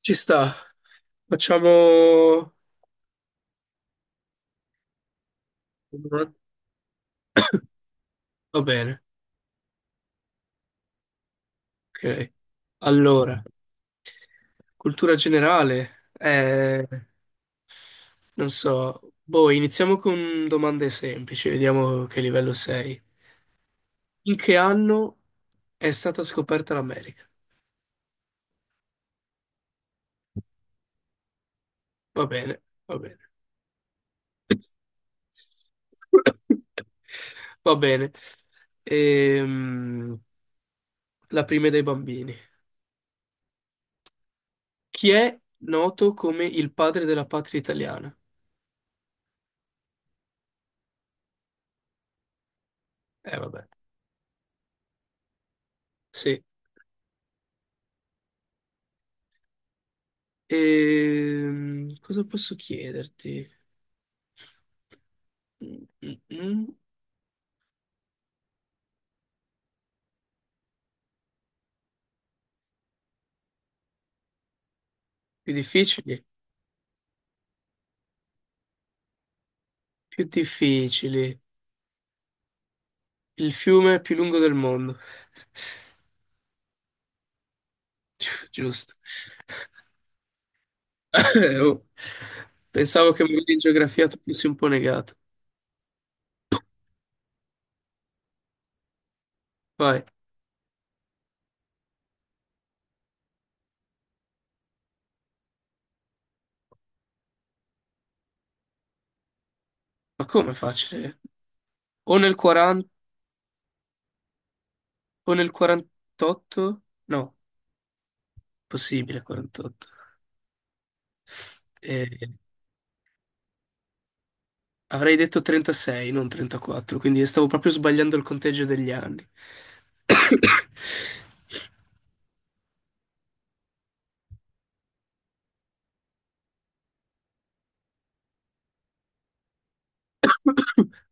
Ci sta, facciamo... va bene, ok. Allora, cultura generale, non so, boh, iniziamo con domande semplici, vediamo che livello sei. In che anno è stata scoperta l'America? Va bene, va bene. Va bene. Ehm, la prima è dei bambini. Chi è noto come il padre della patria italiana? Vabbè, sì. Cosa posso chiederti? Mm, mm, mm. Più difficili? Più difficili. Il fiume più lungo del mondo. Giusto. Oh, pensavo che magari in geografia tu fossi un po' negato. Vai. Ma come facile? O nel 40, o nel 48? No, possibile 48. Avrei detto 36, non 34, quindi stavo proprio sbagliando il conteggio degli anni.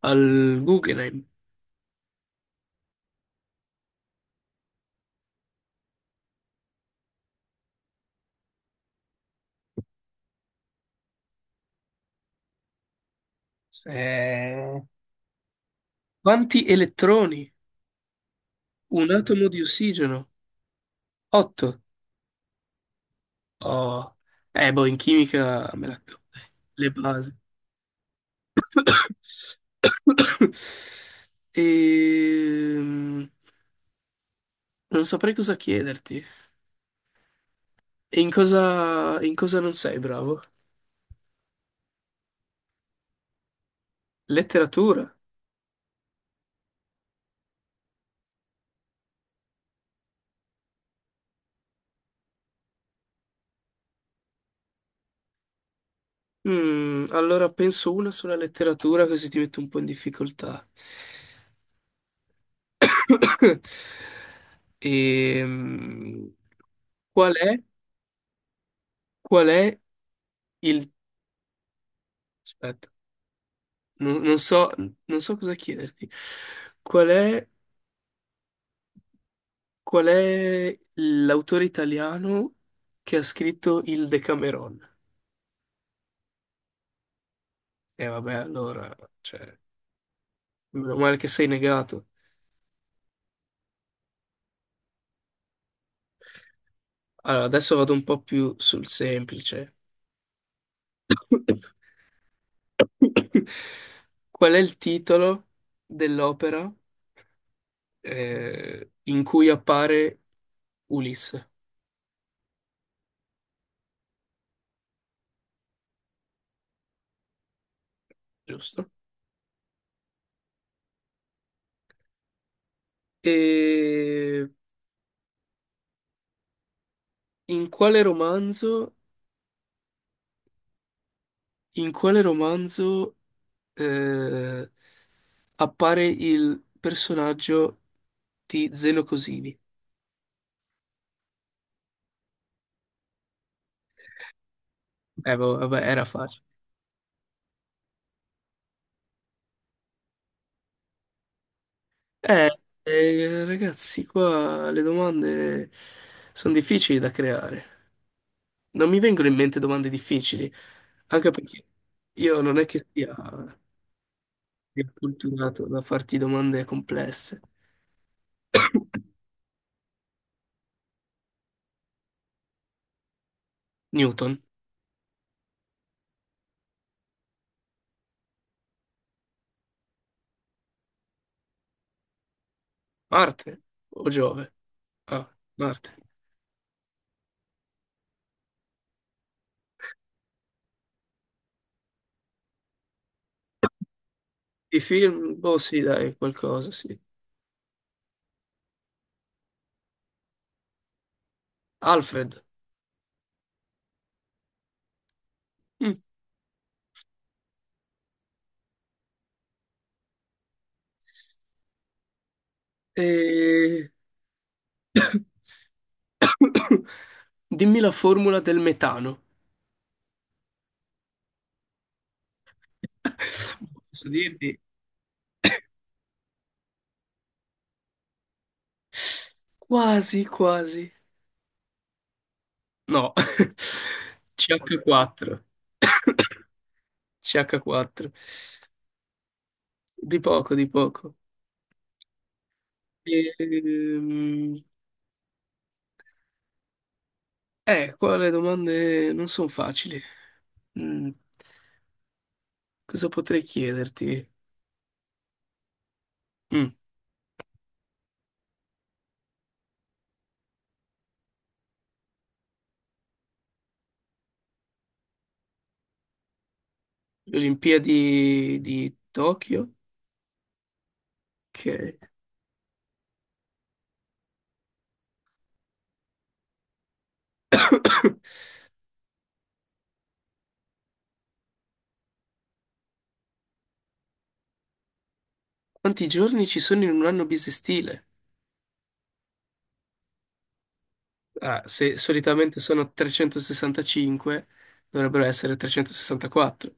Al Guggenheim. Se- Quanti elettroni? Un atomo di ossigeno? 8. Oh. Boh, in chimica me la cavo, dai. Le basi. Ehm, Non saprei cosa chiederti. E in cosa non sei bravo? Letteratura? Allora penso una sulla letteratura così ti metto un po' in difficoltà. Ehm, qual è, qual è il... Aspetta, non, non so, non so cosa chiederti. Qual è, qual è l'autore italiano che ha scritto il Decameron? E vabbè, allora, cioè, meno male che sei negato. Allora, adesso vado un po' più sul semplice. Qual è il titolo dell'opera in cui appare Ulisse? Giusto. E in quale romanzo, in quale romanzo eh, appare il personaggio di Zeno Cosini? Boh, vabbè, era facile. Eh, Ragazzi, qua le domande sono difficili da creare. Non mi vengono in mente domande difficili, anche perché io non è che sia culturato da farti domande complesse. Newton. Marte o Giove? Ah, Marte. I film, boh, sì, dai, qualcosa, sì. Alfred. Mm. E... Dimmi la formula del metano. Posso dirti? Quasi, quasi. No. CH4. CH4. Di poco, di poco. Ehm, Qua le domande non sono facili. Mm, Cosa potrei chiederti? Mm, le Olimpiadi di Tokyo? Ok. Quanti giorni ci sono in un anno bisestile? Ah, se solitamente sono 365, dovrebbero essere 364.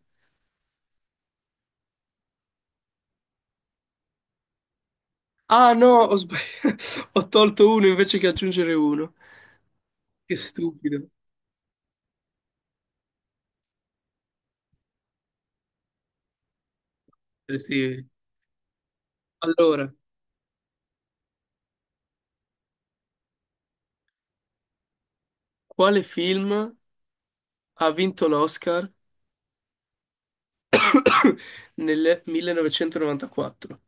Ah no, ho sbagliato. Ho tolto uno invece che aggiungere uno. Che stupido. Eh sì. Allora, quale film ha vinto l'Oscar nel 1994?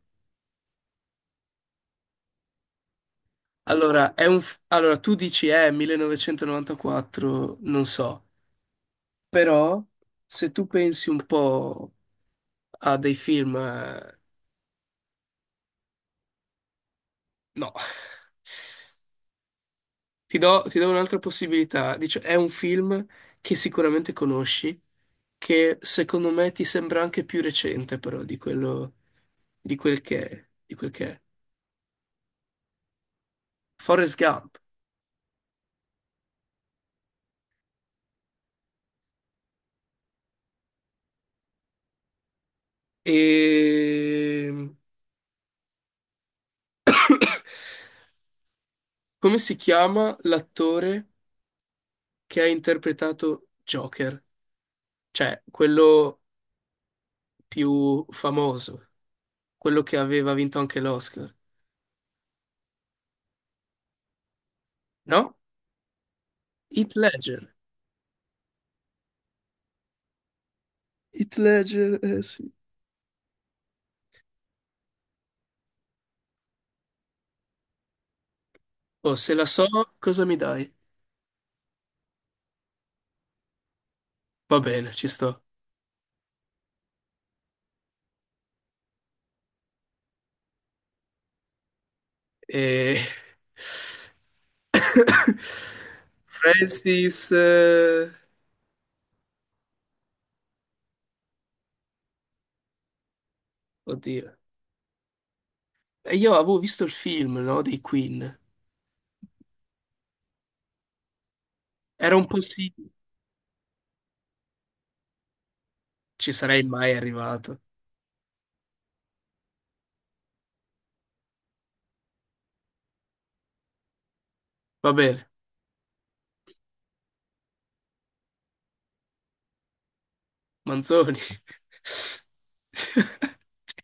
Allora, tu dici, 1994, non so, però se tu pensi un po' a dei film, no. Ti do un'altra possibilità. Dice, è un film che sicuramente conosci, che secondo me ti sembra anche più recente, però, di quello, di quel che è, di quel che è. Forrest Gump. E... Come si chiama l'attore che ha interpretato Joker? Cioè, quello più famoso, quello che aveva vinto anche l'Oscar. No? Heath Ledger. Heath Ledger, eh sì. Oh, se la so, cosa mi dai? Va bene, ci sto. E... Francis, oddio. E io avevo visto il film, no? Dei Queen. Era un po' sì. Ci sarei mai arrivato. Va bene. Manzoni.